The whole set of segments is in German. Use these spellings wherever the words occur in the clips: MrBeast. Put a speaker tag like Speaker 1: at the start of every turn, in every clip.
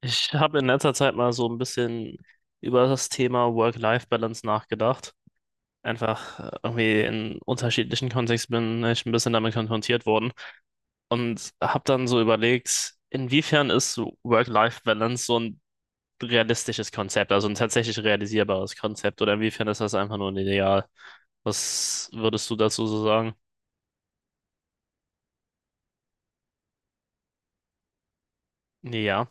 Speaker 1: Ich habe in letzter Zeit mal so ein bisschen über das Thema Work-Life-Balance nachgedacht. Einfach irgendwie in unterschiedlichen Kontexten bin ich ein bisschen damit konfrontiert worden und habe dann so überlegt, inwiefern ist so Work-Life-Balance so ein realistisches Konzept, also ein tatsächlich realisierbares Konzept oder inwiefern ist das einfach nur ein Ideal? Was würdest du dazu so sagen? Ja,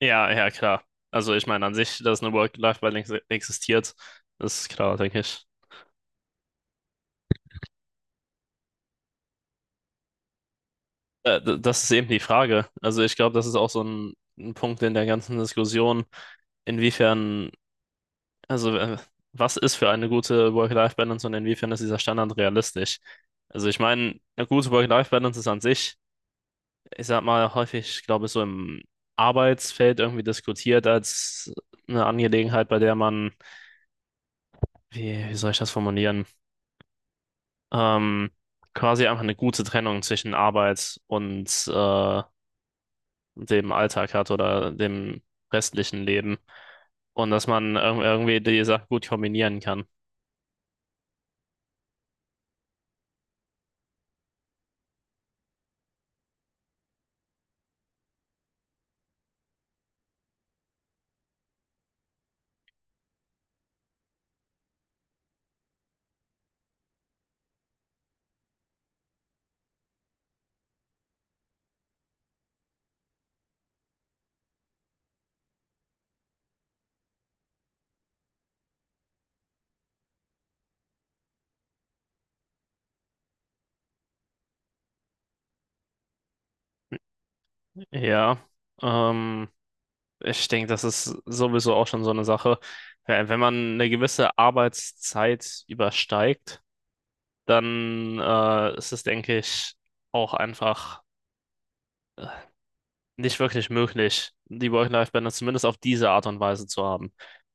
Speaker 1: ja, ja, klar. Also ich meine an sich, dass eine Work-Life-Balance existiert, ist klar, denke ich. Das ist eben die Frage. Also ich glaube, das ist auch so ein Punkt in der ganzen Diskussion, inwiefern, also was ist für eine gute Work-Life-Balance und inwiefern ist dieser Standard realistisch? Also ich meine, eine gute Work-Life-Balance ist an sich, ich sag mal, häufig, glaube ich, so im Arbeitsfeld irgendwie diskutiert als eine Angelegenheit, bei der man, wie soll ich das formulieren? Ähm, quasi einfach eine gute Trennung zwischen Arbeit und dem Alltag hat oder dem restlichen Leben. Und dass man irgendwie die Sachen gut kombinieren kann. Ja, ähm, ich denke, das ist sowieso auch schon so eine Sache. Wenn man eine gewisse Arbeitszeit übersteigt, dann ist es, denke ich, auch einfach nicht wirklich möglich, die Work-Life-Balance zumindest auf diese Art und Weise zu haben.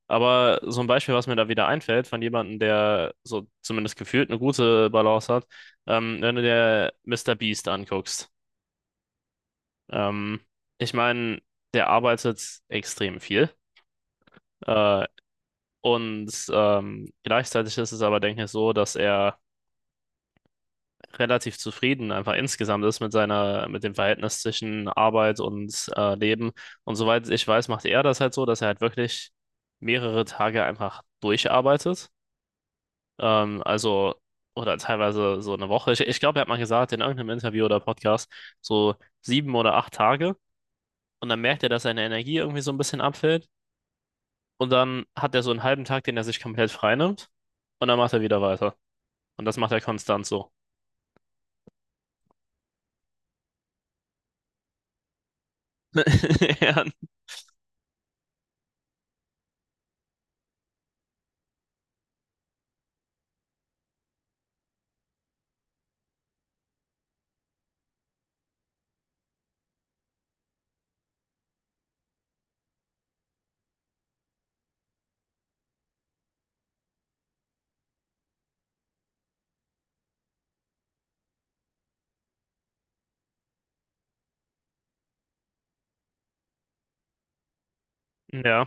Speaker 1: Aber so ein Beispiel, was mir da wieder einfällt, von jemandem, der so zumindest gefühlt eine gute Balance hat, wenn du dir Mr. Beast anguckst. Ähm, ich meine, der arbeitet extrem viel. Äh, und gleichzeitig ist es aber, denke ich, so, dass er relativ zufrieden einfach insgesamt ist mit seiner, mit dem Verhältnis zwischen Arbeit und Leben. Und soweit ich weiß, macht er das halt so, dass er halt wirklich mehrere Tage einfach durcharbeitet. Ähm, also, oder teilweise so eine Woche. Ich glaube, er hat mal gesagt in irgendeinem Interview oder Podcast, so 7 oder 8 Tage. Und dann merkt er, dass seine Energie irgendwie so ein bisschen abfällt. Und dann hat er so einen halben Tag, den er sich komplett freinimmt. Und dann macht er wieder weiter. Und das macht er konstant so. Ja.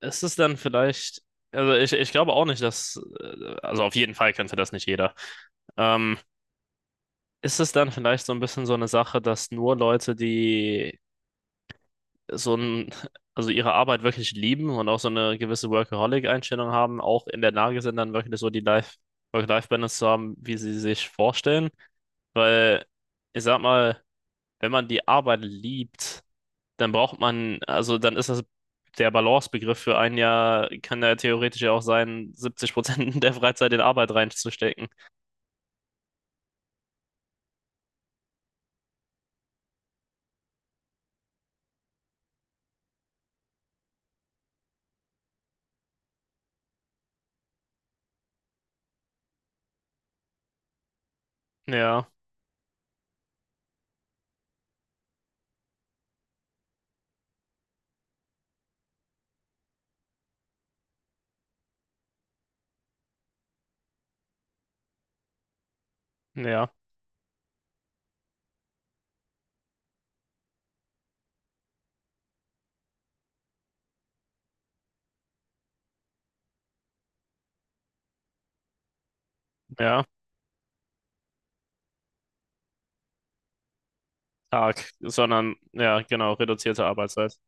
Speaker 1: Ist es dann vielleicht, also ich glaube auch nicht, dass, also auf jeden Fall könnte das nicht jeder. Ähm, ist es dann vielleicht so ein bisschen so eine Sache, dass nur Leute, die so ein, also ihre Arbeit wirklich lieben und auch so eine gewisse Workaholic-Einstellung haben, auch in der Lage sind, dann wirklich so die Work-Life-Balance zu haben, wie sie sich vorstellen? Weil, ich sag mal, wenn man die Arbeit liebt, dann braucht man, also dann ist das der Balancebegriff für ein Jahr, kann ja theoretisch ja auch sein, 70% der Freizeit in Arbeit reinzustecken. Ja, ja, ja, arg, sondern ja, genau, reduzierte Arbeitszeit.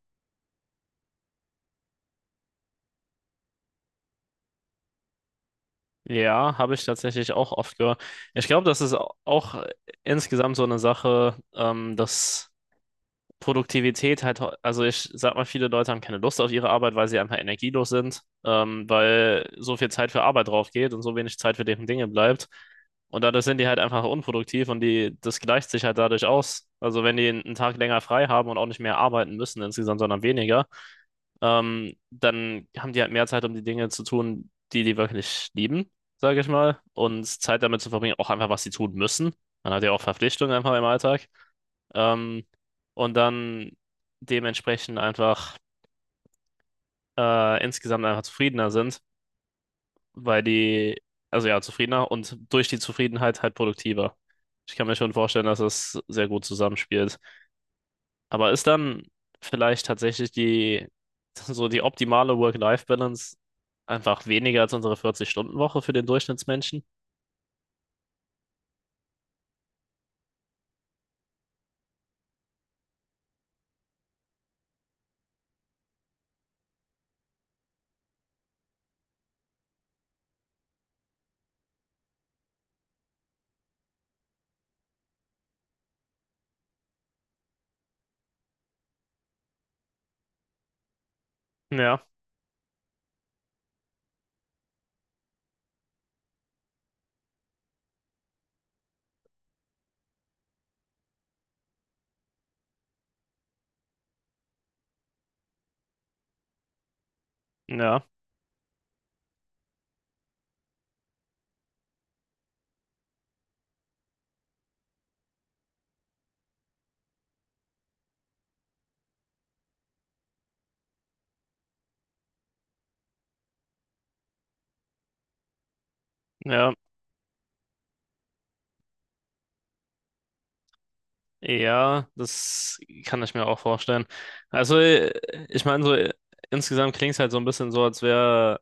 Speaker 1: Ja, habe ich tatsächlich auch oft gehört. Ich glaube, das ist auch insgesamt so eine Sache, dass Produktivität halt, also ich sag mal, viele Leute haben keine Lust auf ihre Arbeit, weil sie einfach energielos sind, weil so viel Zeit für Arbeit drauf geht und so wenig Zeit für deren Dinge bleibt. Und dadurch sind die halt einfach unproduktiv und die, das gleicht sich halt dadurch aus. Also wenn die einen Tag länger frei haben und auch nicht mehr arbeiten müssen insgesamt, sondern weniger, dann haben die halt mehr Zeit, um die Dinge zu tun, die die wirklich lieben, sage ich mal, und Zeit damit zu verbringen, auch einfach, was sie tun müssen. Man hat ja auch Verpflichtungen einfach im Alltag. Ähm, und dann dementsprechend einfach insgesamt einfach zufriedener sind, weil die, also ja, zufriedener und durch die Zufriedenheit halt produktiver. Ich kann mir schon vorstellen, dass es sehr gut zusammenspielt. Aber ist dann vielleicht tatsächlich die, so die optimale Work-Life-Balance einfach weniger als unsere 40-Stunden-Woche für den Durchschnittsmenschen? Ja, ja, ja, ja, das kann ich mir auch vorstellen. Also, ich meine, so insgesamt klingt es halt so ein bisschen so, als wäre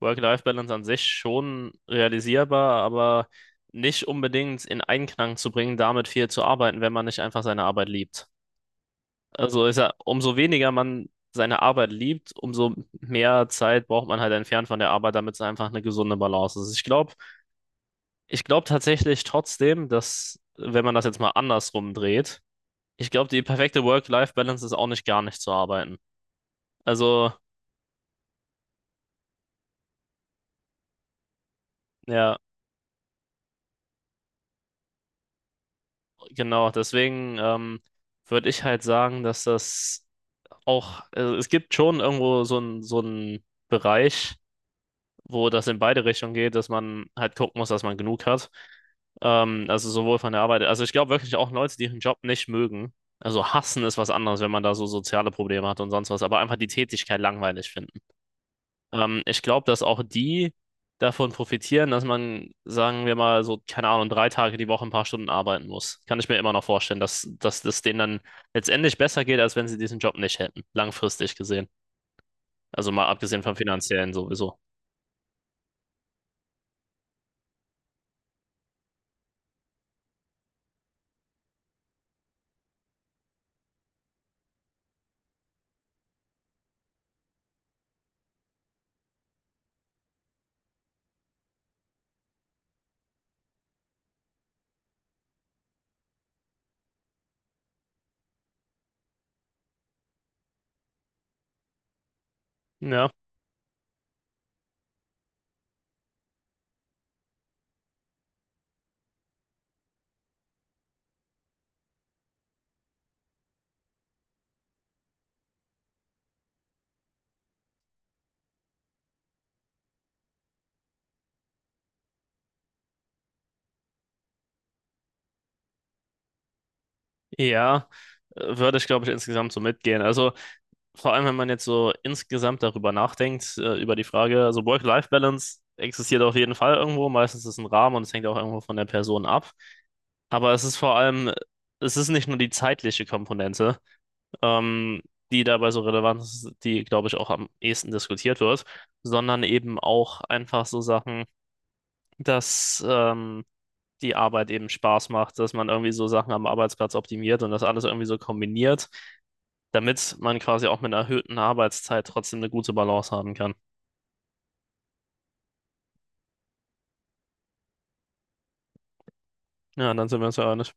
Speaker 1: Work-Life-Balance an sich schon realisierbar, aber nicht unbedingt in Einklang zu bringen, damit viel zu arbeiten, wenn man nicht einfach seine Arbeit liebt. Also ist ja, umso weniger man seine Arbeit liebt, umso mehr Zeit braucht man halt entfernt von der Arbeit, damit es einfach eine gesunde Balance ist. Ich glaube tatsächlich trotzdem, dass, wenn man das jetzt mal andersrum dreht, ich glaube, die perfekte Work-Life-Balance ist auch nicht gar nicht zu arbeiten. Also, ja, genau. Deswegen würde ich halt sagen, dass das auch, also es gibt schon irgendwo so einen Bereich, wo das in beide Richtungen geht, dass man halt gucken muss, dass man genug hat. Also sowohl von der Arbeit, also ich glaube wirklich auch Leute, die ihren Job nicht mögen. Also hassen ist was anderes, wenn man da so soziale Probleme hat und sonst was, aber einfach die Tätigkeit langweilig finden. Ich glaube, dass auch die davon profitieren, dass man, sagen wir mal, so, keine Ahnung, 3 Tage die Woche ein paar Stunden arbeiten muss. Kann ich mir immer noch vorstellen, dass das denen dann letztendlich besser geht, als wenn sie diesen Job nicht hätten, langfristig gesehen. Also mal abgesehen vom finanziellen sowieso. Ja. Ja, würde ich, glaube ich, insgesamt so mitgehen. Also vor allem, wenn man jetzt so insgesamt darüber nachdenkt, über die Frage, also Work-Life-Balance existiert auf jeden Fall irgendwo, meistens ist es ein Rahmen und es hängt auch irgendwo von der Person ab. Aber es ist vor allem, es ist nicht nur die zeitliche Komponente, ähm, die dabei so relevant ist, die, glaube ich, auch am ehesten diskutiert wird, sondern eben auch einfach so Sachen, dass die Arbeit eben Spaß macht, dass man irgendwie so Sachen am Arbeitsplatz optimiert und das alles irgendwie so kombiniert damit man quasi auch mit einer erhöhten Arbeitszeit trotzdem eine gute Balance haben kann. Ja, dann sind wir uns ja einig.